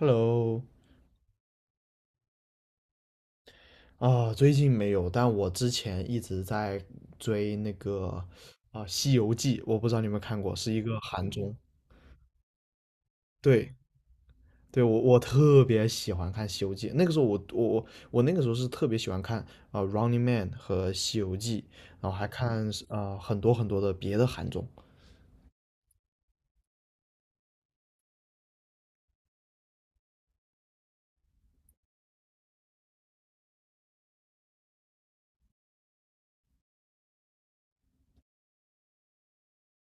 Hello，啊，最近没有，但我之前一直在追那个啊《西游记》，我不知道你有没有看过，是一个韩综。对，对，我特别喜欢看《西游记》，那个时候我那个时候是特别喜欢看Running Man》和《西游记》，然后还看啊很多很多的别的韩综。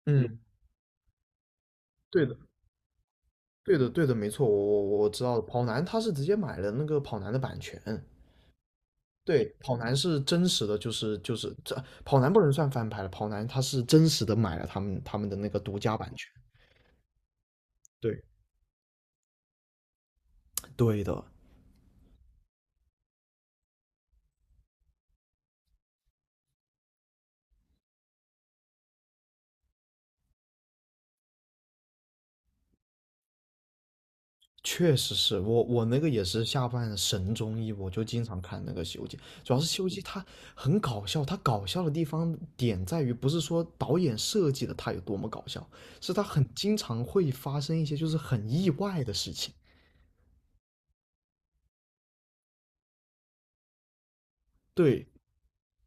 嗯，对的，对的，对的，没错，我知道的。跑男他是直接买了那个跑男的版权。对，跑男是真实的，就是这跑男不能算翻拍了，跑男他是真实的买了他们的那个独家版权。对，对的，确实是我那个也是下饭神综艺，我就经常看那个《西游记》，主要是《西游记》它很搞笑，它搞笑的地方点在于不是说导演设计的它有多么搞笑，是它很经常会发生一些就是很意外的事情。对，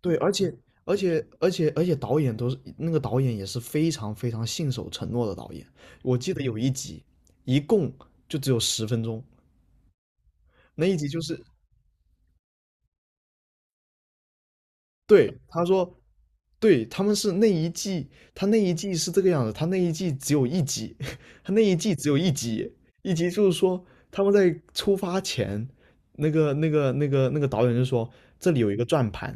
对，而且导演都是那个导演也是非常非常信守承诺的导演。我记得有一集，一共就只有10分钟，那一集就是对他说对，他们是那一季，他那一季是这个样子，他那一季只有一集，他那一季只有一集，一集就是说他们在出发前，那个导演就说这里有一个转盘，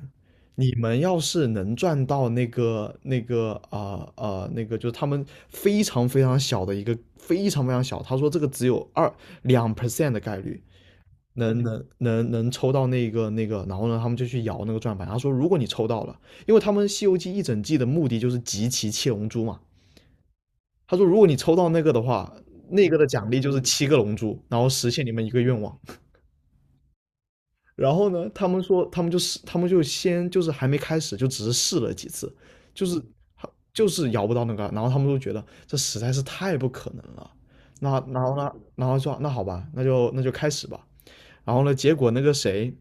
你们要是能转到那个就是他们非常非常小的一个非常非常小，他说这个只有2% 的概率，能抽到那个那个，然后呢，他们就去摇那个转盘。他说，如果你抽到了，因为他们《西游记》一整季的目的就是集齐七龙珠嘛。他说，如果你抽到那个的话，那个的奖励就是七个龙珠，然后实现你们一个愿望。然后呢，他们说，他们就是他们就先就是还没开始，就只是试了几次，就是就是摇不到那个，然后他们都觉得这实在是太不可能了。那然后呢，然后说那好吧，那就开始吧。然后呢，结果那个谁，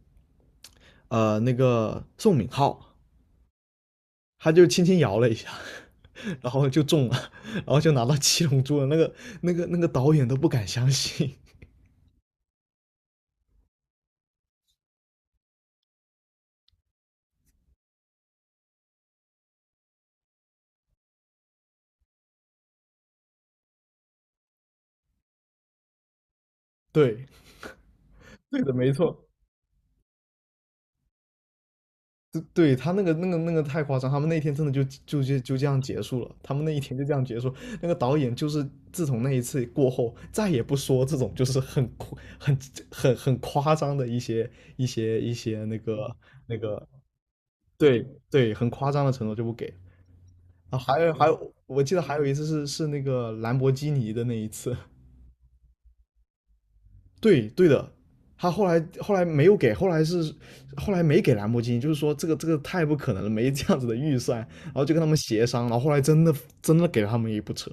那个宋敏浩，他就轻轻摇了一下，然后就中了，然后就拿到七龙珠了。那个导演都不敢相信。对对的，没错，对对，他那个太夸张，他们那天真的就这样结束了，他们那一天就这样结束。那个导演就是自从那一次过后，再也不说这种就是很夸 很夸张的一些那个那个。对对，很夸张的承诺就不给。啊，还有，我记得还有一次是那个兰博基尼的那一次。对对的，他后来没有给，后来是后来没给兰博基尼，就是说这个这个太不可能了，没这样子的预算，然后就跟他们协商，然后后来真的给了他们一部车，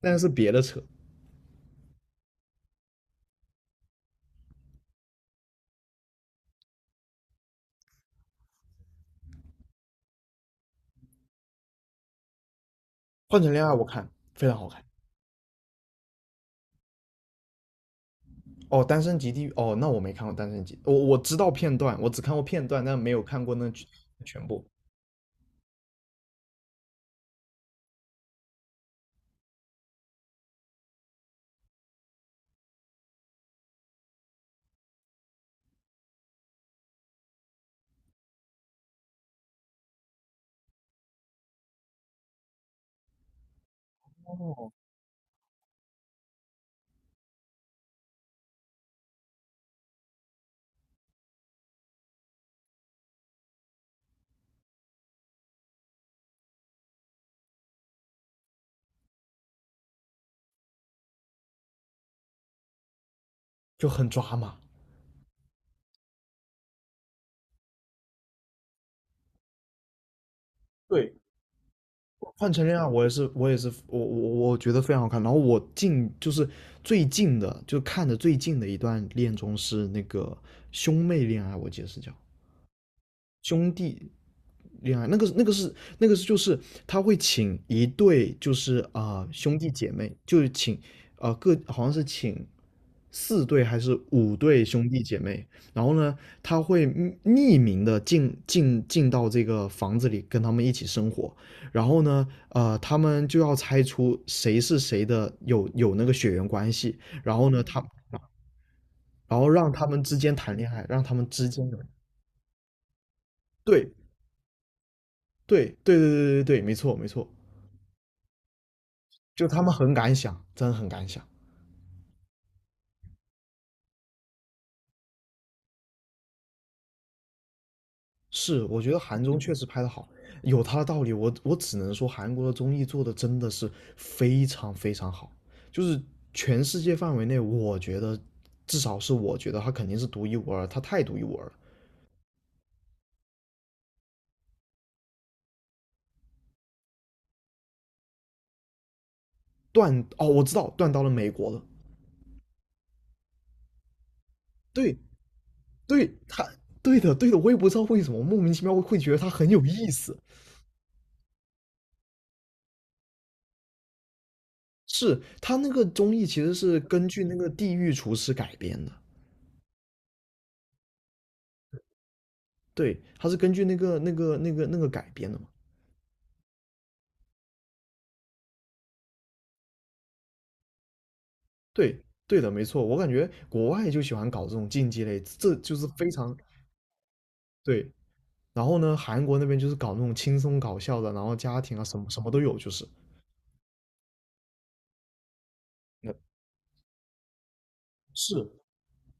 但是别的车。换成恋爱我看非常好看。哦，单身级地狱哦，那我没看过单身级，我知道片段，我只看过片段，但没有看过那全部，就很抓马。对，换成恋爱，我也是，我也是，我觉得非常好看。然后我近就是最近的，就看的最近的一段恋综是那个兄妹恋爱，我记得是叫兄弟恋爱那个是那个是就是他会请一对就是兄弟姐妹，就是请各好像是请四对还是五对兄弟姐妹，然后呢他会匿名的进到这个房子里跟他们一起生活，然后呢他们就要猜出谁是谁的有那个血缘关系，然后呢他然后让他们之间谈恋爱，让他们之间有对对对对对对对，没错没错。就他们很敢想，真的很敢想。是，我觉得韩综确实拍得好，有他的道理。我只能说，韩国的综艺做的真的是非常非常好，就是全世界范围内，我觉得至少是我觉得他肯定是独一无二，他太独一无二了。断哦，我知道断到了美国了。对对，他对的对的，我也不知道为什么莫名其妙会觉得他很有意思。是他那个综艺其实是根据那个《地狱厨师》改编的，对，它是根据那个改编的嘛。对，对的，没错。我感觉国外就喜欢搞这种竞技类，这就是非常对。然后呢，韩国那边就是搞那种轻松搞笑的，然后家庭啊什么什么都有，就是。那是，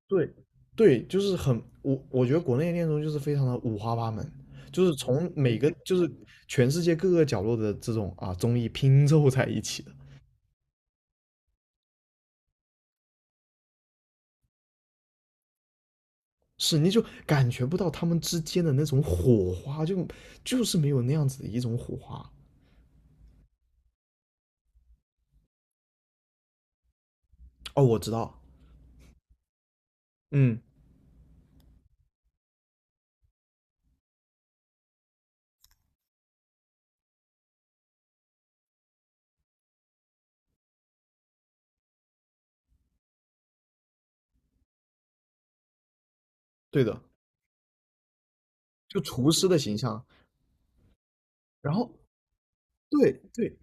对，对，就是很我觉得国内的恋综就是非常的五花八门，就是从每个就是全世界各个角落的这种啊综艺拼凑在一起的。是，你就感觉不到他们之间的那种火花，就是没有那样子的一种火花。哦，我知道，嗯，对的，就厨师的形象。然后，对对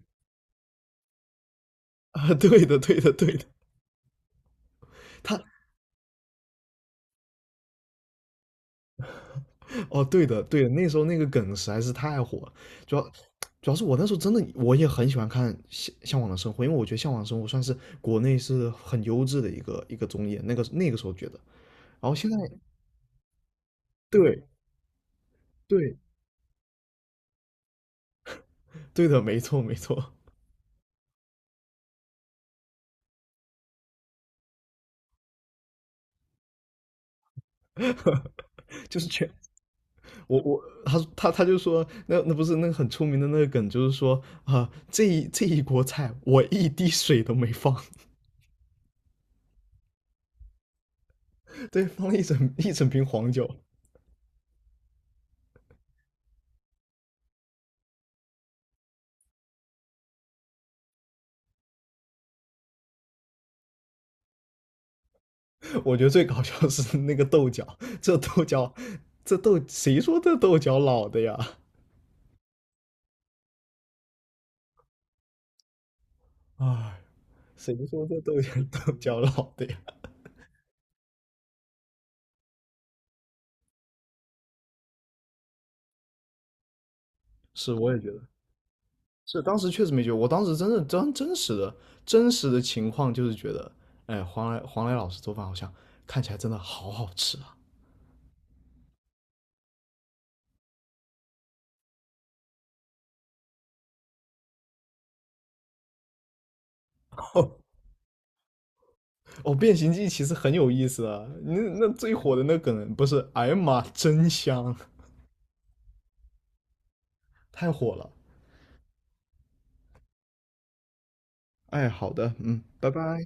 啊，对的，对的，对的，他哦，对的，对的，那时候那个梗实在是太火了。主要主要是我那时候真的我也很喜欢看向往的生活，因为我觉得向往的生活算是国内是很优质的一个综艺，那个那个时候觉得，然后现在对对对的，没错没错。就是全我他就说，那那不是那个很出名的那个梗，就是说这一锅菜我一滴水都没放，对，放了一整瓶黄酒。我觉得最搞笑的是那个豆角，这豆角，这豆谁说这豆角老的呀？哎，谁说这豆角老的呀？是，我也觉得是，当时确实没觉得，我当时真的真实的情况就是觉得，哎，黄来老师做饭好像看起来真的好好吃啊。哦。哦，变形记其实很有意思啊。那最火的那梗不是“哎呀妈，真香”，太火了。哎，好的，嗯，拜拜。